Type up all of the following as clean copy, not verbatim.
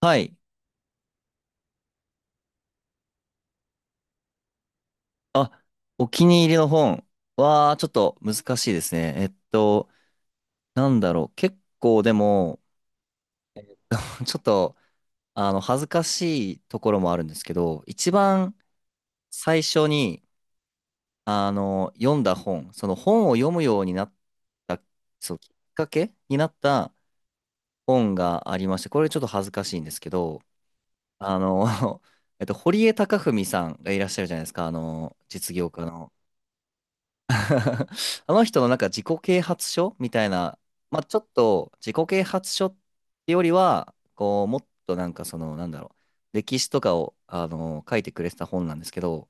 はい。あ、お気に入りの本は、ちょっと難しいですね。なんだろう。結構でも、ちょっと、恥ずかしいところもあるんですけど、一番最初に、読んだ本、その本を読むようになった、そう、きっかけになった本がありまして、これちょっと恥ずかしいんですけど、あの、堀江貴文さんがいらっしゃるじゃないですか、あの、実業家の。あの人のなんか自己啓発書みたいな、まあ、ちょっと自己啓発書ってよりは、こう、もっとなんかその、なんだろう、歴史とかを、あの書いてくれてた本なんですけど、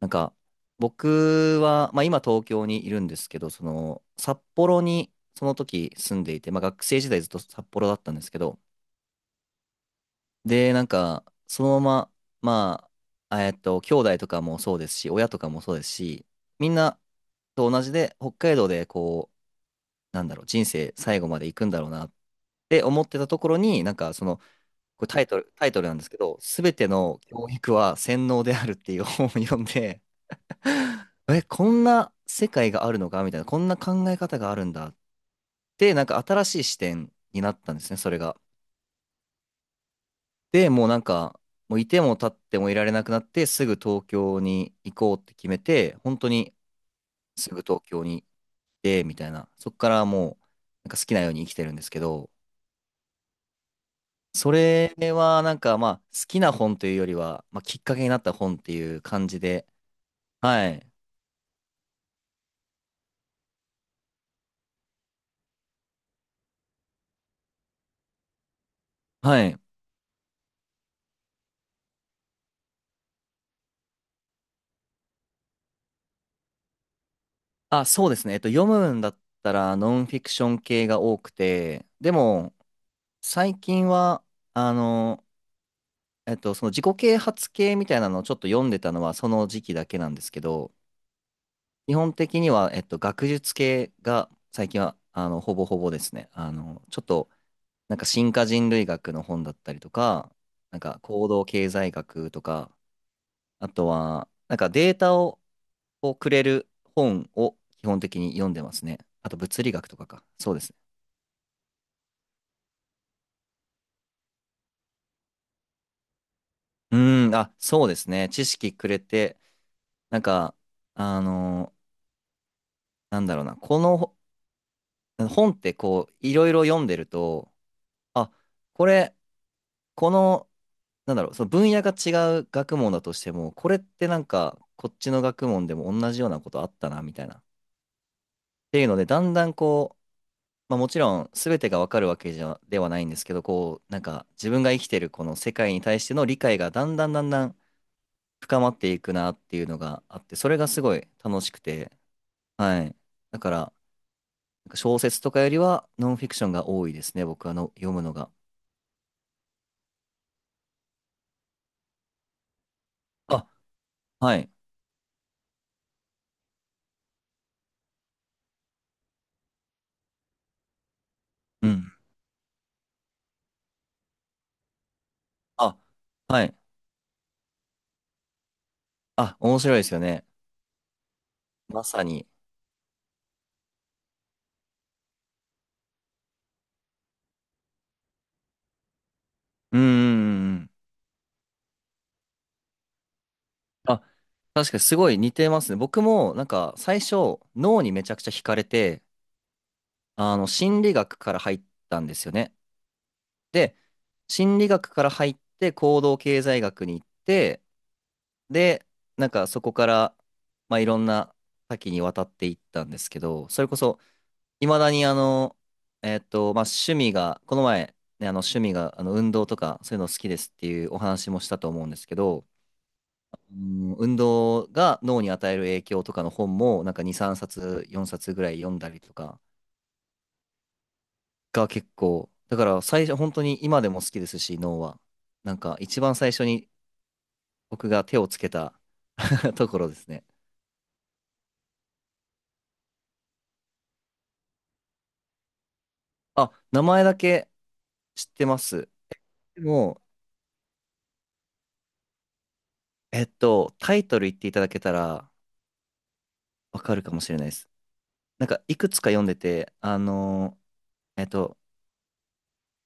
なんか、僕は、まあ、今東京にいるんですけど、その、札幌にその時住んでいて、まあ、学生時代ずっと札幌だったんですけど、で、なんか、そのまま、まあ、兄弟とかもそうですし、親とかもそうですし、みんなと同じで、北海道でこう、なんだろう、人生最後まで行くんだろうなって思ってたところに、なんかその、これタイトル、タイトルなんですけど、すべての教育は洗脳であるっていう本を読んで、え、こんな世界があるのかみたいな、こんな考え方があるんだって、なんか新しい視点になったんですね、それが。で、もうなんか、もういても立ってもいられなくなって、すぐ東京に行こうって決めて、本当にすぐ東京に行って、みたいな、そこからもう、なんか好きなように生きてるんですけど、それはなんかまあ好きな本というよりは、まあ、きっかけになった本っていう感じで。はい。はい。あ、そうですね。読むんだったらノンフィクション系が多くて、でも最近は、あの、その自己啓発系みたいなのをちょっと読んでたのはその時期だけなんですけど、基本的には、学術系が最近は、あの、ほぼほぼですね。あの、ちょっと、なんか進化人類学の本だったりとか、なんか行動経済学とか、あとは、なんかデータを、をくれる本を基本的に読んでますね。あと物理学とかか。そうですね。うーん、あ、そうですね。知識くれて、なんか、あのーなんだろうな。このほ本ってこう、いろいろ読んでると、あ、これ、この、なんだろう、その分野が違う学問だとしても、これってなんか、こっちの学問でも同じようなことあったな、みたいな。っていうので、だんだんこう、まあ、もちろん全てがわかるわけじゃではないんですけど、こうなんか自分が生きてるこの世界に対しての理解がだんだんだんだん深まっていくなっていうのがあって、それがすごい楽しくて、はい、だからなんか小説とかよりはノンフィクションが多いですね、僕はの読むのが。あ、はい、うん、あ、はい、あ、面白いですよね、まさに。うんうんうんうん。あ、確かにすごい似てますね。僕もなんか最初脳にめちゃくちゃ惹かれて、あの、心理学から入ったんですよね。で、心理学から入って行動経済学に行って、で、なんかそこから、まあ、いろんな多岐にわたっていったんですけど、それこそ、いまだにあの、まあ、趣味が、この前、ね、あの趣味があの運動とかそういうの好きですっていうお話もしたと思うんですけど、うん、運動が脳に与える影響とかの本もなんか2、3冊、4冊ぐらい読んだりとかが結構、だから最初、本当に今でも好きですし、脳は。なんか一番最初に僕が手をつけた ところですね。あ、名前だけ知ってます。でも、タイトル言っていただけたらわかるかもしれないです。なんかいくつか読んでて、ー、えっと、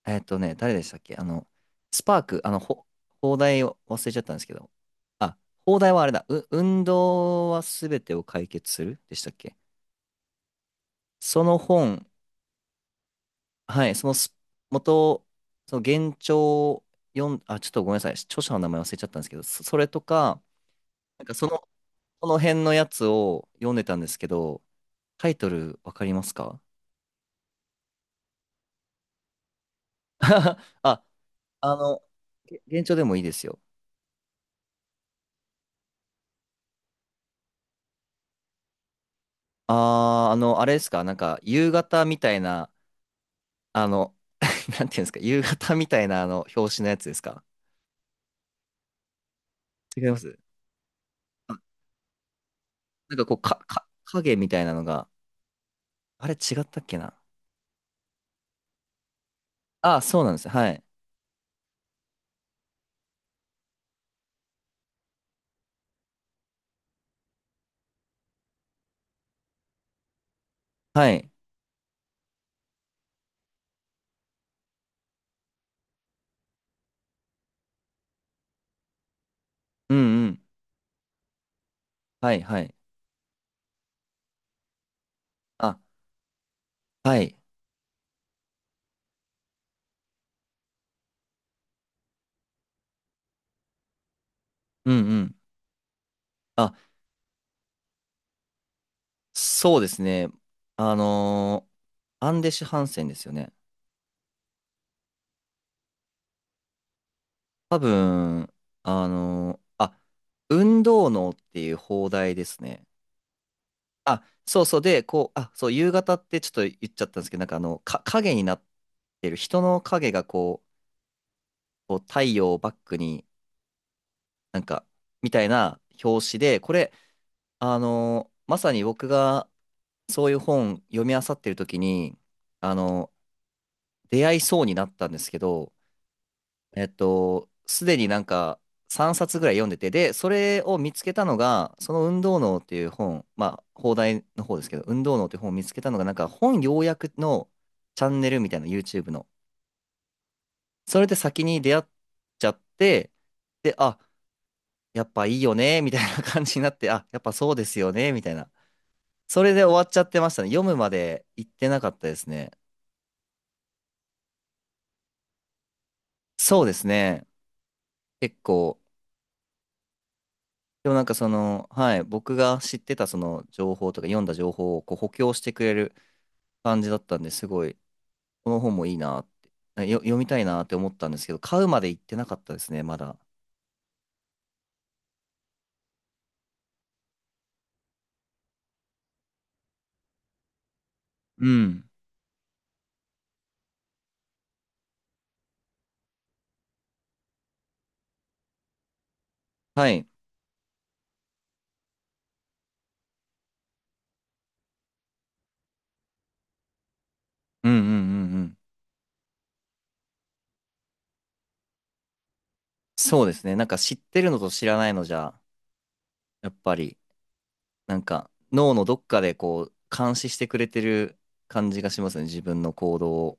誰でしたっけあの、スパーク、あの、ほ、邦題を忘れちゃったんですけど、あ、邦題はあれだ、う、運動はすべてを解決するでしたっけ。その本はい、そのす元、その原著を読ん、あ、ちょっとごめんなさい、著者の名前忘れちゃったんですけど、そ、それとか、なんかその、その辺のやつを読んでたんですけど、タイトルわかりますか？ あ、あの、げ原著でもいいですよ。あー、あの、あれですか、なんか夕方みたいな、あの、なんていうんですか、夕方みたいなあの表紙のやつですか？違います。あ、なんかこう、か、か、影みたいなのが、あれ違ったっけな。あ、そうなんです。はい。はい。うんうん。はいはい。あ、はい。うんうん。あ、そうですね。あのーアンデシュ・ハンセンですよね。多分、あのーあ、運動能っていう放題ですね。あ、そうそう。で、こう、あ、そう、夕方ってちょっと言っちゃったんですけど、なんかあの、か、影になってる、人の影がこう、こう太陽をバックに、なんか、みたいな表紙で、これ、まさに僕がそういう本読み漁ってる時に、あの出会いそうになったんですけど、すでになんか3冊ぐらい読んでて、で、それを見つけたのが、その運動脳っていう本、まあ、放題の方ですけど、運動脳っていう本を見つけたのが、なんか本要約のチャンネルみたいな YouTube の。それで先に出会っちゃって、で、あ、やっぱいいよね、みたいな感じになって、あ、やっぱそうですよね、みたいな。それで終わっちゃってましたね。読むまで行ってなかったですね。そうですね。結構でもなんかその、はい、僕が知ってたその情報とか読んだ情報をこう補強してくれる感じだったんですごい、この本もいいなって、あよ、読みたいなって思ったんですけど、買うまで行ってなかったですね、まだ。うん。はい。うんうんうんうん。そうですね。なんか知ってるのと知らないのじゃ、やっぱり、なんか脳のどっかでこう、監視してくれてる感じがしますね、自分の行動を。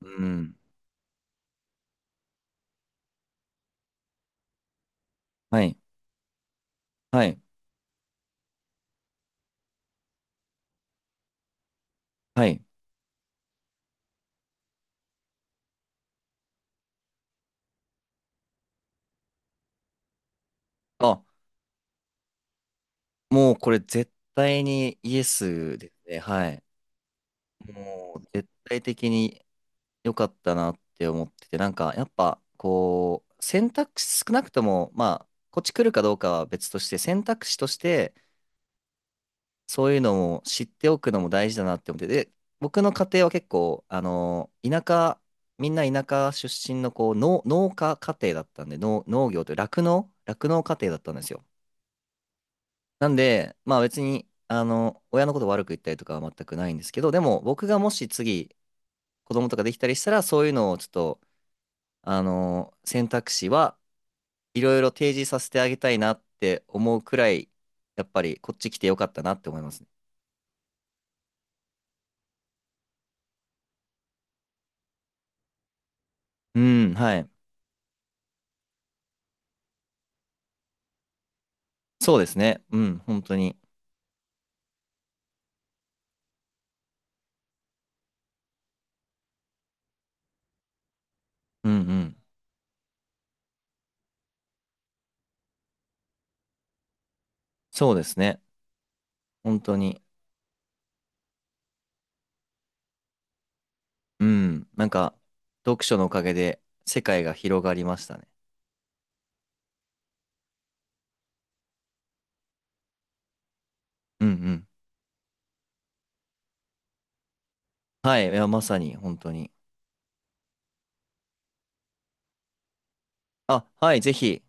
うん。はい。はい。はい。あ、もうこれ絶対にイエスですね。はい。もう絶対的に良かったなって思ってて、なんかやっぱこう、選択肢少なくとも、まあ、こっち来るかどうかは別として、選択肢としてそういうのも知っておくのも大事だなって思って、で、僕の家庭は結構、あの、田舎、みんな田舎出身のこう農、農家家庭だったんで、農、農業という酪農、酪農家庭だったんですよ。なんで、まあ別に、あの、親のこと悪く言ったりとかは全くないんですけど、でも僕がもし次、子供とかできたりしたら、そういうのをちょっと、選択肢はいろいろ提示させてあげたいなって思うくらい、やっぱりこっち来てよかったなって思いますね。うん、はい。そうですね。うん、本当に。うんうん。そうですね。本当に。うん、なんか、読書のおかげで世界が広がりましたね。うんうん。はい、いや、まさに、本当に。あ、はい、ぜひ。